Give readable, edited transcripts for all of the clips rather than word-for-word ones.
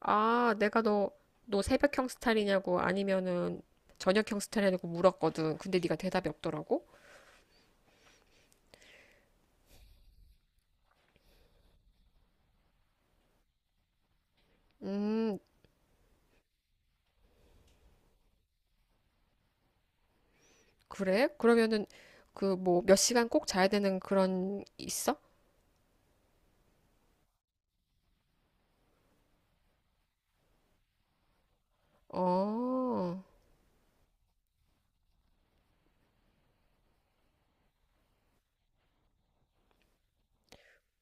아, 내가 너 새벽형 스타일이냐고 아니면은 저녁형 스타일이냐고 물었거든. 근데 네가 대답이 없더라고. 음, 그래? 그러면은 그 뭐 몇 시간 꼭 자야 되는 그런 있어? 어,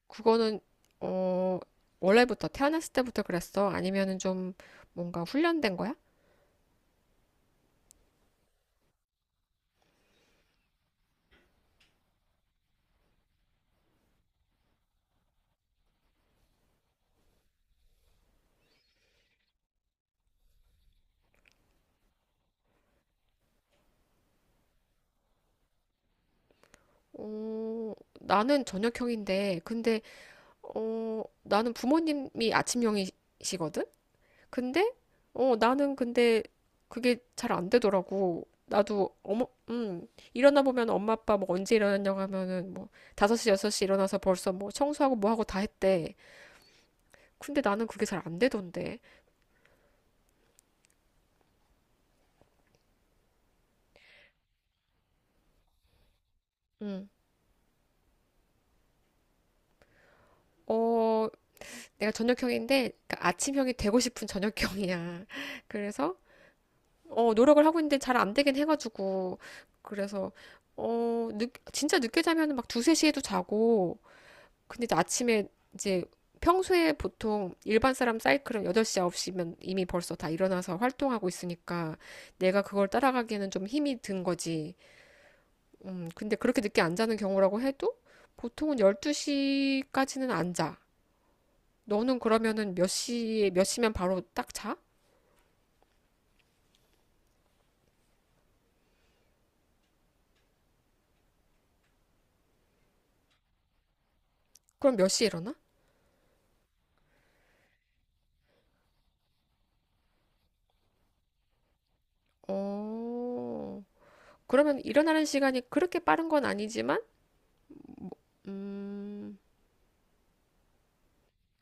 그거는 어, 원래부터 태어났을 때부터 그랬어? 아니면은 좀 뭔가 훈련된 거야? 어, 나는 저녁형인데 근데 나는 부모님이 아침형이시거든? 근데 나는 근데 그게 잘 안 되더라고. 나도 어머 일어나 보면 엄마 아빠 뭐 언제 일어났냐고 하면은 뭐 5시 6시 일어나서 벌써 뭐 청소하고 뭐 하고 다 했대. 근데 나는 그게 잘 안 되던데. 음. 어 내가 저녁형인데 그러니까 아침형이 되고 싶은 저녁형이야. 그래서 노력을 하고 있는데 잘 안 되긴 해 가지고 그래서 진짜 늦게 자면은 막 두세 시에도 자고 근데 아침에 이제 평소에 보통 일반 사람 사이클은 8시, 9시면 이미 벌써 다 일어나서 활동하고 있으니까 내가 그걸 따라가기에는 좀 힘이 든 거지. 근데 그렇게 늦게 안 자는 경우라고 해도 보통은 12시까지는 안 자. 너는 그러면은 몇 시면 바로 딱 자? 그럼 몇 시에 일어나? 어, 그러면 일어나는 시간이 그렇게 빠른 건 아니지만, 음,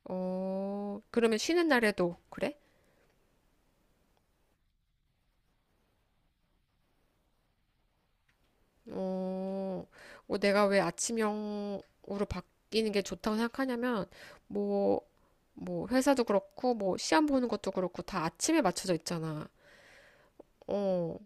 그러면 쉬는 날에도 그래? 어, 뭐 내가 왜 아침형으로 바뀌는 게 좋다고 생각하냐면, 뭐, 뭐, 회사도 그렇고, 뭐, 시험 보는 것도 그렇고, 다 아침에 맞춰져 있잖아. 어,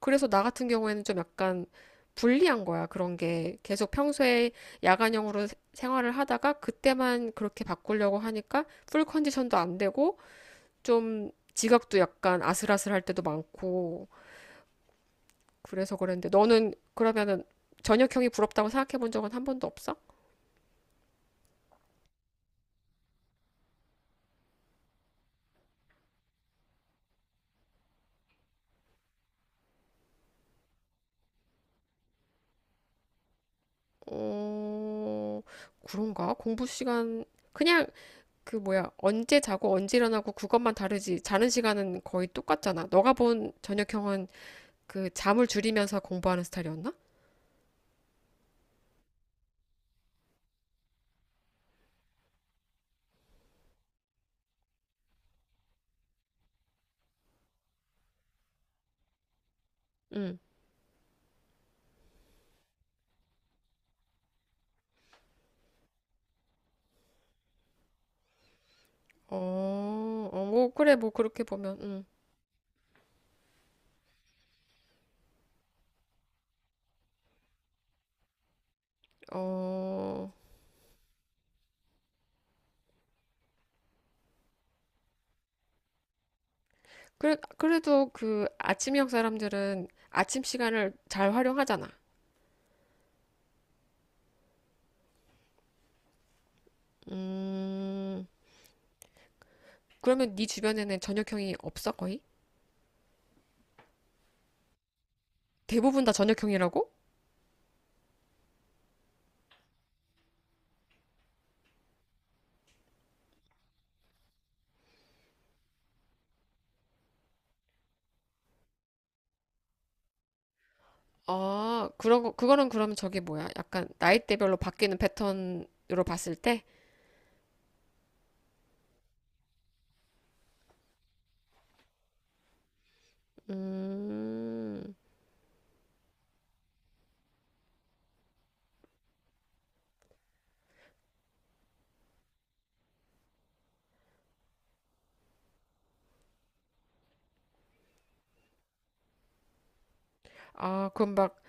그래서 나 같은 경우에는 좀 약간 불리한 거야, 그런 게. 계속 평소에 야간형으로 생활을 하다가, 그때만 그렇게 바꾸려고 하니까, 풀 컨디션도 안 되고, 좀 지각도 약간 아슬아슬할 때도 많고, 그래서 그랬는데 너는 그러면은 저녁형이 부럽다고 생각해 본 적은 한 번도 없어? 어, 그런가? 공부 시간 그냥 그 뭐야 언제 자고 언제 일어나고 그것만 다르지 자는 시간은 거의 똑같잖아. 너가 본 저녁형은 그 잠을 줄이면서 공부하는 스타일이었나? 응. 어, 어, 뭐 그래 뭐 그렇게 보면 응. 어. 그래 그래도 그 아침형 사람들은 아침 시간을 잘 활용하잖아. 음. 그러면 네 주변에는 저녁형이 없어, 거의? 대부분 다 저녁형이라고? 아, 그거는 그러면 저게 뭐야? 약간 나이대별로 바뀌는 패턴으로 봤을 때? 음, 아, 그럼 막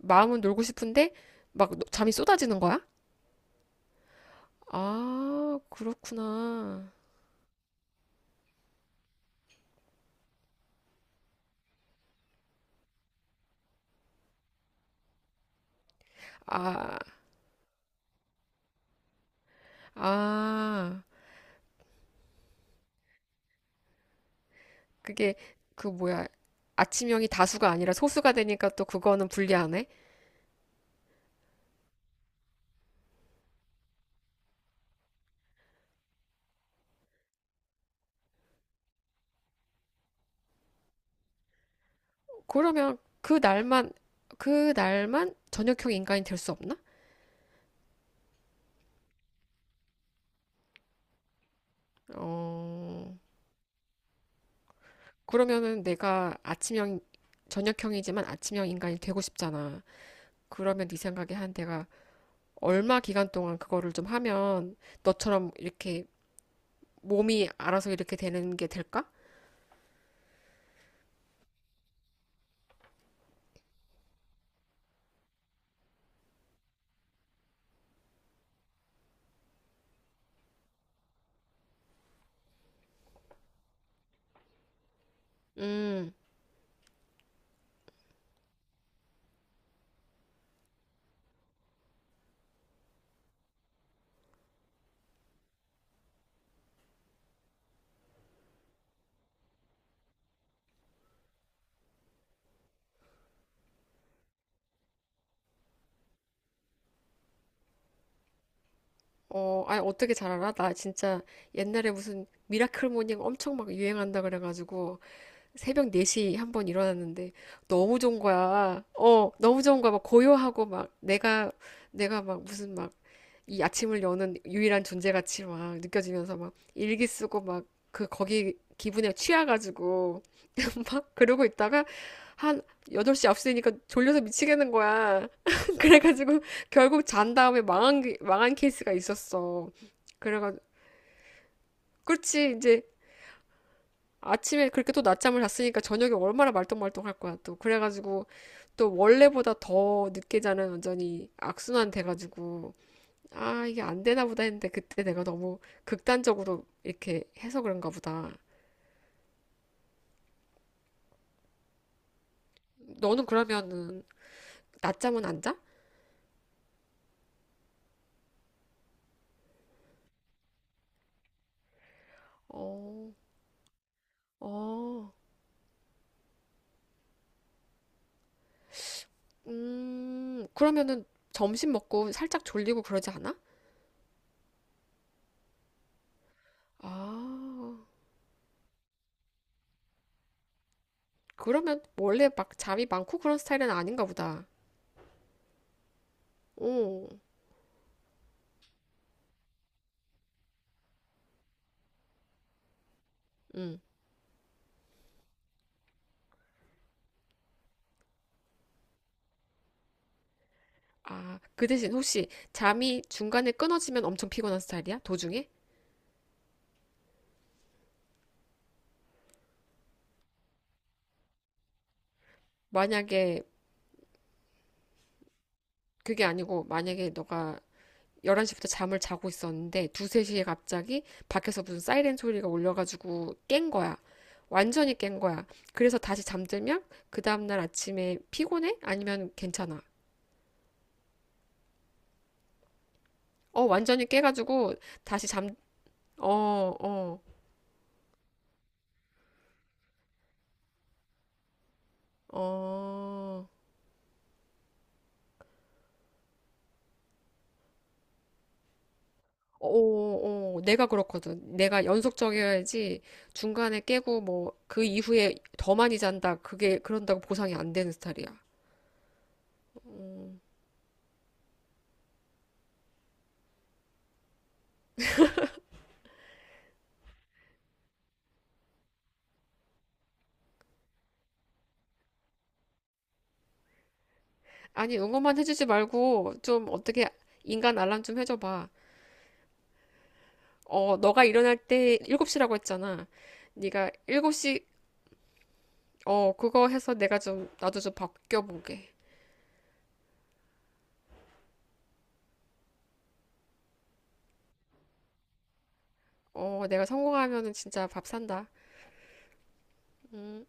마음은 놀고 싶은데 막 잠이 쏟아지는 거야? 아, 그렇구나. 아, 아, 그게 그 뭐야? 아침형이 다수가 아니라 소수가 되니까 또 그거는 불리하네? 그러면 그 날만 저녁형 인간이 될 수 없나? 어, 그러면은 내가 아침형, 저녁형이지만 아침형 인간이 되고 싶잖아. 그러면 네 생각에 한 내가 얼마 기간 동안 그거를 좀 하면 너처럼 이렇게 몸이 알아서 이렇게 되는 게 될까? 음, 아니, 어떻게 잘 알아? 나 진짜 옛날에 무슨 미라클 모닝 엄청 막 유행한다 그래가지고 새벽 4시 한번 일어났는데 너무 좋은 거야. 너무 좋은 거야. 막 고요하고 막 내가 막 무슨 막 이 아침을 여는 유일한 존재같이 막 느껴지면서 막 일기 쓰고 막 그 거기 기분에 취해가지고 막 그러고 있다가 한 8시, 앞시 되니까 졸려서 미치겠는 거야. 그래가지고 결국 잔 다음에 망한, 망한 케이스가 있었어. 그래가 그렇지 이제 아침에 그렇게 또 낮잠을 잤으니까 저녁에 얼마나 말똥말똥할 거야 또 그래가지고 또 원래보다 더 늦게 자는 완전히 악순환 돼가지고 아, 이게 안 되나 보다 했는데 그때 내가 너무 극단적으로 이렇게 해서 그런가 보다. 너는 그러면은 낮잠은 안 자? 어, 어, 그러면은 점심 먹고 살짝 졸리고 그러지 않아? 아, 그러면 원래 막 잠이 많고 그런 스타일은 아닌가 보다. 오, 음. 아, 그 대신 혹시 잠이 중간에 끊어지면 엄청 피곤한 스타일이야? 도중에? 만약에 그게 아니고 만약에 너가 11시부터 잠을 자고 있었는데 두세 시에 갑자기 밖에서 무슨 사이렌 소리가 울려가지고 깬 거야. 완전히 깬 거야. 그래서 다시 잠들면 그 다음날 아침에 피곤해? 아니면 괜찮아? 어, 완전히 깨가지고 다시 잠, 어, 어, 어. 어, 어, 어. 내가 그렇거든. 내가 연속적이어야지 중간에 깨고 뭐 그 이후에 더 많이 잔다. 그게 그런다고 보상이 안 되는 스타일이야. 음. 아니, 응원만 해주지 말고 좀 어떻게 인간 알람 좀 해줘봐. 너가 일어날 때 7시라고 했잖아. 네가 7시, 그거 해서 나도 좀 바뀌어보게. 내가 성공하면은 진짜 밥 산다. 음.